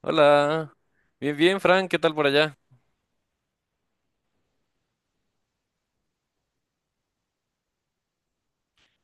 Hola. Bien, bien, Frank, ¿qué tal por allá?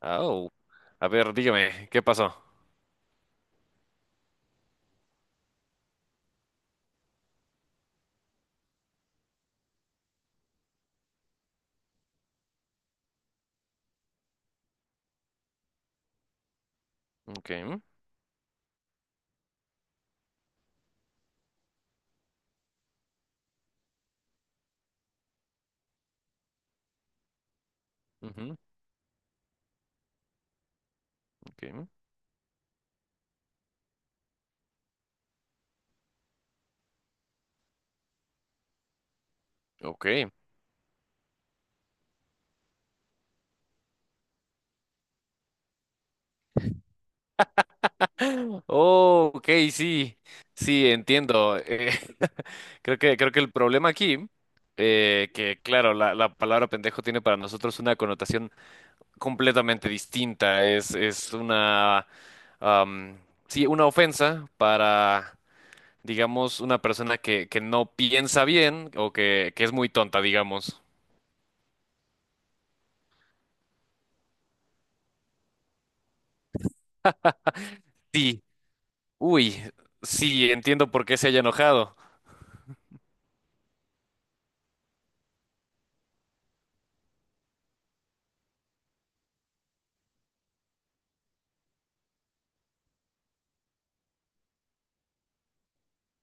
Au. A ver, dígame, ¿qué pasó? Ok. Ujú. Ok. Ok. Oh, ok, sí. Sí, entiendo. Creo que el problema aquí, que claro, la palabra pendejo tiene para nosotros una connotación completamente distinta. Es una, am, sí, una ofensa para, digamos, una persona que no piensa bien o que es muy tonta, digamos. Sí, uy, sí, entiendo por qué se haya enojado.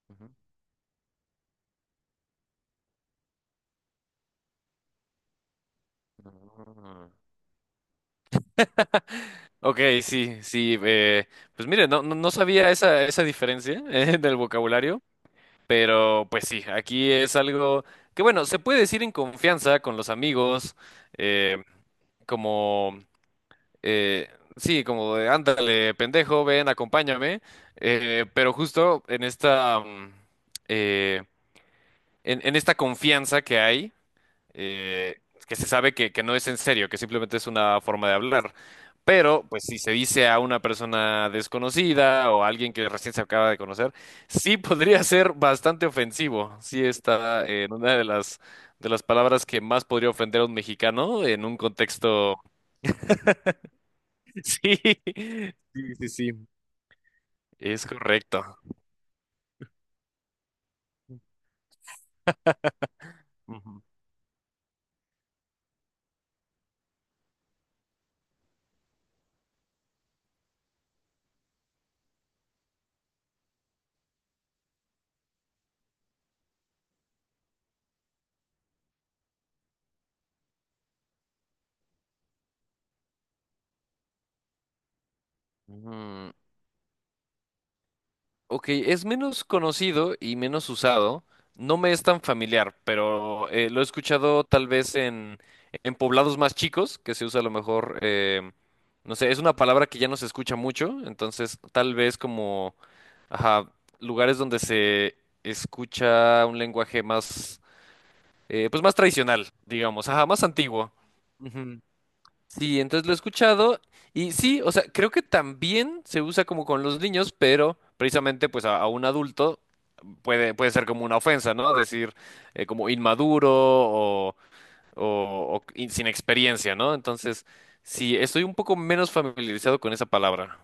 Ujú. Ah, ok, sí, sí, pues mire, no, no, no sabía esa, esa diferencia del vocabulario, pero pues sí, aquí es algo que bueno, se puede decir en confianza con los amigos, eh, como, eh, sí, como de, ándale, pendejo, ven, acompáñame, pero justo en esta, eh, en esta confianza que hay. Eh, que se sabe que no es en serio, que simplemente es una forma de hablar. Pero, pues, si se dice a una persona desconocida o a alguien que recién se acaba de conocer, sí podría ser bastante ofensivo. Sí está en una de las palabras que más podría ofender a un mexicano en un contexto. Sí, sí, sí, sí. Es correcto. Ujú. Mm, ok, es menos conocido y menos usado. No me es tan familiar, pero lo he escuchado tal vez en poblados más chicos, que se usa a lo mejor, no sé, es una palabra que ya no se escucha mucho, entonces tal vez como, ajá, lugares donde se escucha un lenguaje más, pues más tradicional, digamos, ajá, más antiguo. Sí, entonces lo he escuchado y sí, o sea, creo que también se usa como con los niños, pero precisamente pues a un adulto puede, puede ser como una ofensa, ¿no? Decir como inmaduro o, sin experiencia, ¿no? Entonces, sí, estoy un poco menos familiarizado con esa palabra.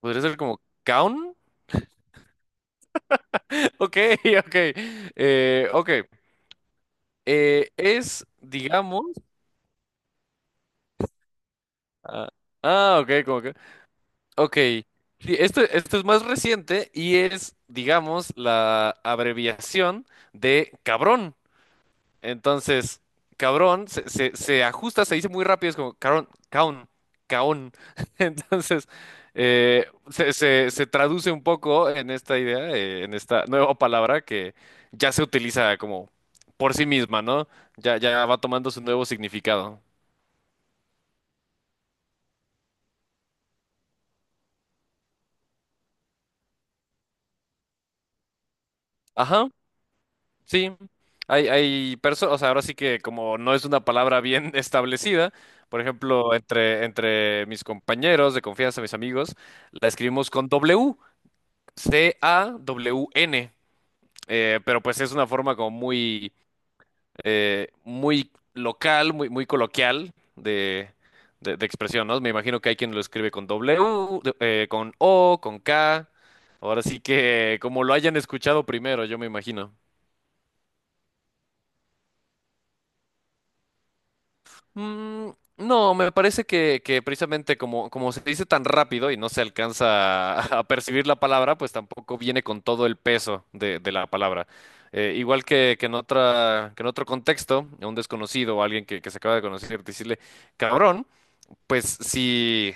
¿Podría ser como caun? Ok, ok. Ok. Es, digamos... Ah, ah, ok, como que... Ok, sí, esto es más reciente y es, digamos, la abreviación de cabrón. Entonces, se ajusta, se dice muy rápido, es como cabrón, caón, caón. Entonces, se traduce un poco en esta idea, en esta nueva palabra que ya se utiliza como por sí misma, ¿no? Ya, ya va tomando su nuevo significado. Ajá. Sí, hay personas, o sea, ahora sí que como no es una palabra bien establecida, por ejemplo, entre, entre mis compañeros de confianza, mis amigos, la escribimos con W, C-A-W-N, pero pues es una forma como muy, muy local, muy, muy coloquial de expresión, ¿no? Me imagino que hay quien lo escribe con W, de- con O, con K, ahora sí que como lo hayan escuchado primero, yo me imagino. Mm, no, me parece que precisamente como, como se dice tan rápido y no se alcanza a percibir la palabra, pues tampoco viene con todo el peso de la palabra. Igual que en otra, que en otro contexto, a un desconocido o a alguien que se acaba de conocer, decirle cabrón pues sí,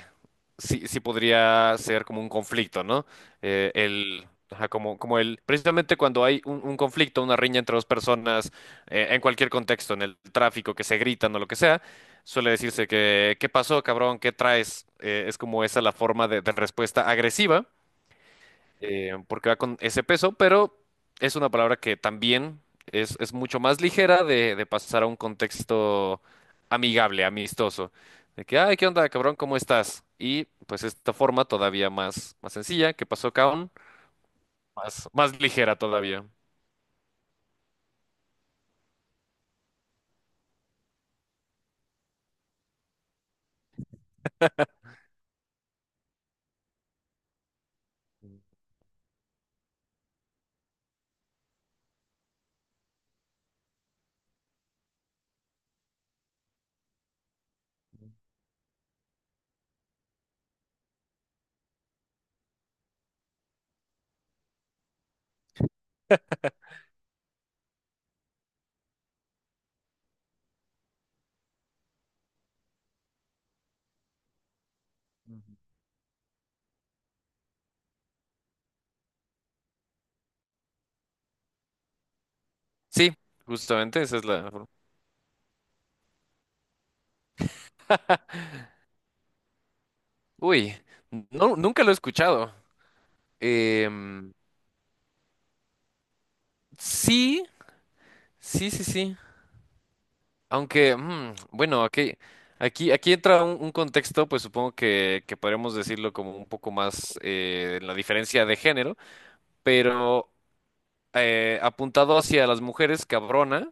sí, sí podría ser como un conflicto, ¿no? Ajá, como, como el, precisamente cuando hay un conflicto, una riña entre dos personas, en cualquier contexto, en el tráfico, que se gritan o lo que sea, suele decirse que, ¿qué pasó, cabrón? ¿Qué traes? Es como esa la forma de respuesta agresiva porque va con ese peso, pero es una palabra que también es mucho más ligera de pasar a un contexto amigable, amistoso. De que, ay, ¿qué onda, cabrón? ¿Cómo estás? Y pues esta forma todavía más, más sencilla, que pasó cabrón, más, más ligera todavía. Sí, justamente esa es la forma. Uy, no, nunca lo he escuchado. Em, sí, sí, sí, sí. Aunque, mm, bueno, aquí, aquí, aquí entra un contexto, pues supongo que podríamos decirlo como un poco más la diferencia de género, pero apuntado hacia las mujeres, cabrona.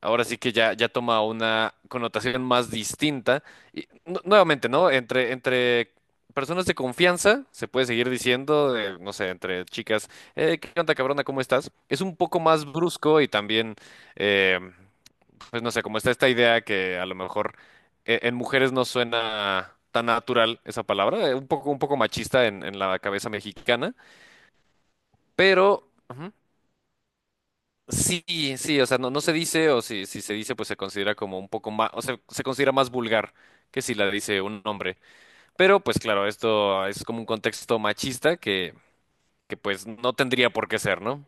Ahora sí que ya, ya toma una connotación más distinta. Y nuevamente, ¿no? Entre, entre personas de confianza, se puede seguir diciendo, no sé, entre chicas, ¿qué onda, cabrona? ¿Cómo estás? Es un poco más brusco y también, eh, pues no sé, como está esta idea que a lo mejor en mujeres no suena tan natural esa palabra, un poco machista en la cabeza mexicana, pero... Ujú. Sí, sí, o sea, no, no se dice, o si, si se dice, pues se considera como un poco más, o sea, se considera más vulgar que si la dice un hombre. Pero, pues claro, esto es como un contexto machista que pues no tendría por qué ser, ¿no?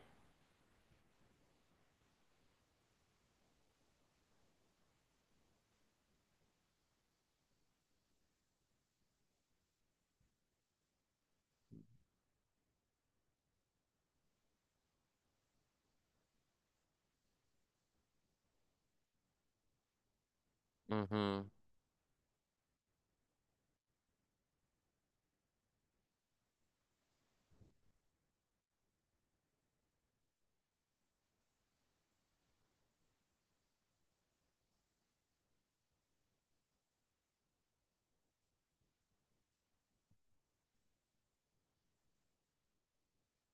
Ujú,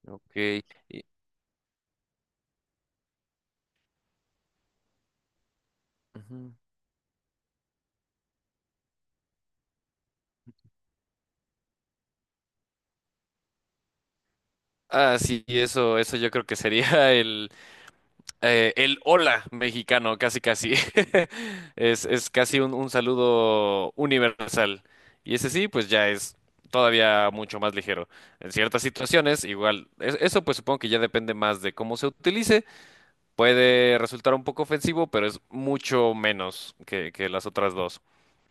ok. y- ujú. Ah, sí, eso yo creo que sería el hola mexicano, casi casi. Es casi un saludo universal. Y ese sí, pues ya es todavía mucho más ligero. En ciertas situaciones, igual, eso pues supongo que ya depende más de cómo se utilice. Puede resultar un poco ofensivo, pero es mucho menos que las otras dos.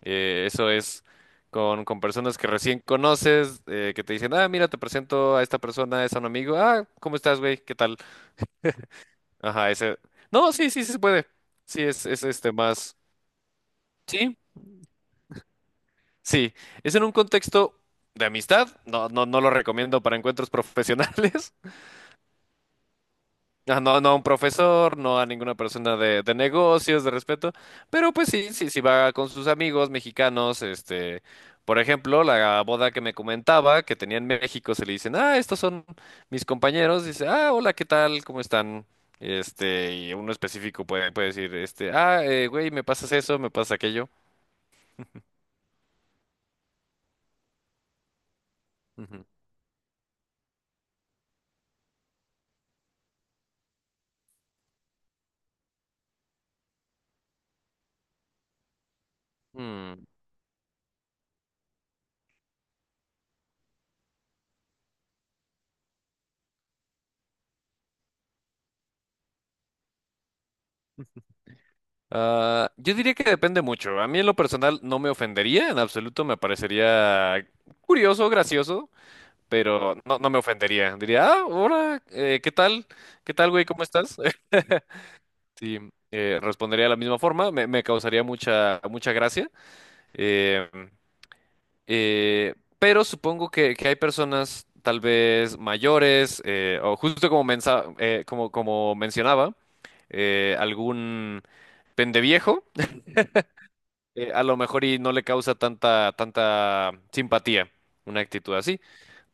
Eso es con personas que recién conoces, que te dicen, ah, mira, te presento a esta persona, es a un amigo. Ah, ¿cómo estás, güey? ¿Qué tal? Ajá, ese. No, sí, sí, sí se puede. Sí, es este más. Sí, sí. Es en un contexto de amistad. No, no, no lo recomiendo para encuentros profesionales. Ah, no, no a un profesor, no a ninguna persona de negocios, de respeto, pero pues sí, sí, sí va con sus amigos mexicanos, este, por ejemplo, la boda que me comentaba, que tenía en México, se le dicen, ah, estos son mis compañeros, dice, ah, hola, ¿qué tal? ¿Cómo están? Este, y uno específico puede, puede decir, este, güey, me pasas eso, me pasa aquello. Ujú. Mm. Ah, yo diría que depende mucho. A mí en lo personal no me ofendería, en absoluto me parecería curioso, gracioso. Pero no, no me ofendería. Diría, ah, hola, ¿qué tal? ¿Qué tal, güey? ¿Cómo estás? Sí, respondería de la misma forma, me causaría mucha, mucha gracia. eh, eh, pero supongo que hay personas tal vez mayores, o justo como, como, como mencionaba, algún pendeviejo, a lo mejor y no le causa tanta, tanta simpatía una actitud así.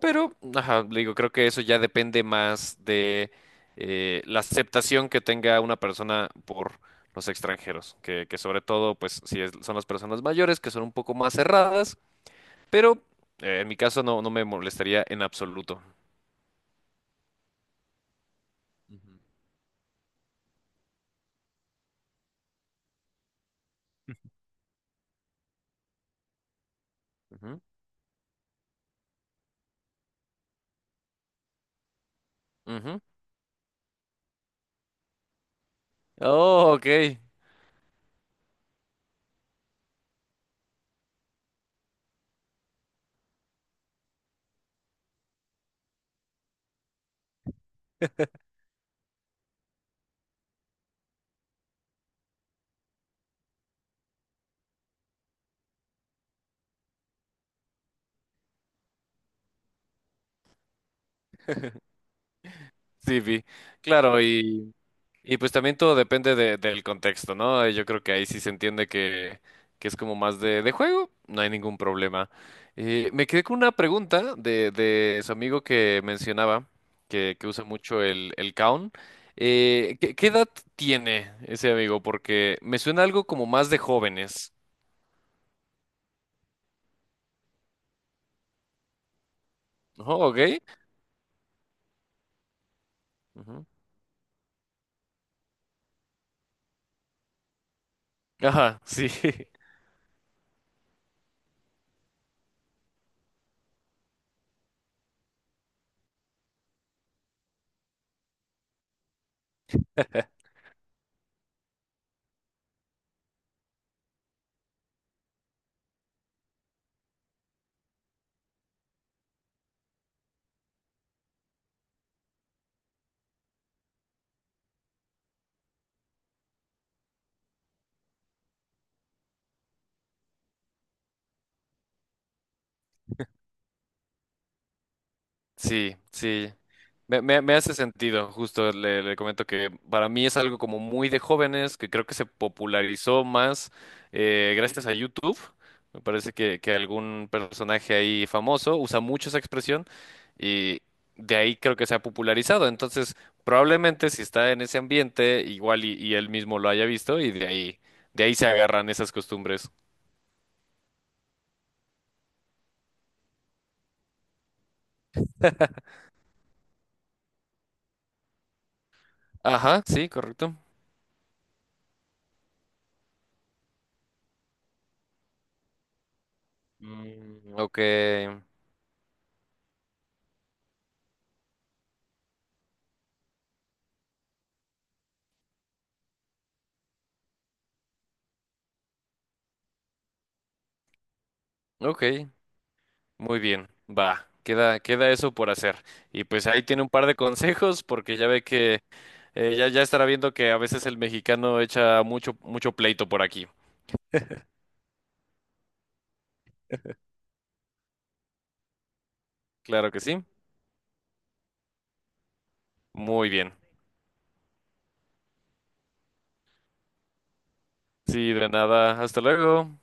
Pero, ajá, le digo, creo que eso ya depende más de la aceptación que tenga una persona por los extranjeros, que sobre todo, pues, si son las personas mayores, que son un poco más cerradas, pero en mi caso no, no me molestaría en absoluto. Ujú. Ujú, ujú. Oh, ok. Sí, vi. Claro, y... Y pues también todo depende del contexto, ¿no? Yo creo que ahí sí se entiende que es como más de juego, no hay ningún problema. Me quedé con una pregunta de su amigo que mencionaba, que usa mucho el Kaun. ¿ qué edad tiene ese amigo? Porque me suena algo como más de jóvenes, ¿no? ¿Ok? Ujú. Ajá, sí. Sí, sí. Me hace sentido, justo le, le comento que para mí es algo como muy de jóvenes, que creo que se popularizó más gracias a YouTube. Me parece que algún personaje ahí famoso usa mucho esa expresión y de ahí creo que se ha popularizado. Entonces, probablemente si está en ese ambiente, igual y él mismo lo haya visto y de ahí se agarran esas costumbres. Ajá, sí, correcto. Mm, ok, ok. Muy bien, va, queda, queda eso por hacer. Y pues ahí tiene un par de consejos, porque ya ve que ya, ya estará viendo que a veces el mexicano echa mucho, mucho pleito por aquí. Claro que sí. Muy bien. Sí, de nada. Hasta luego.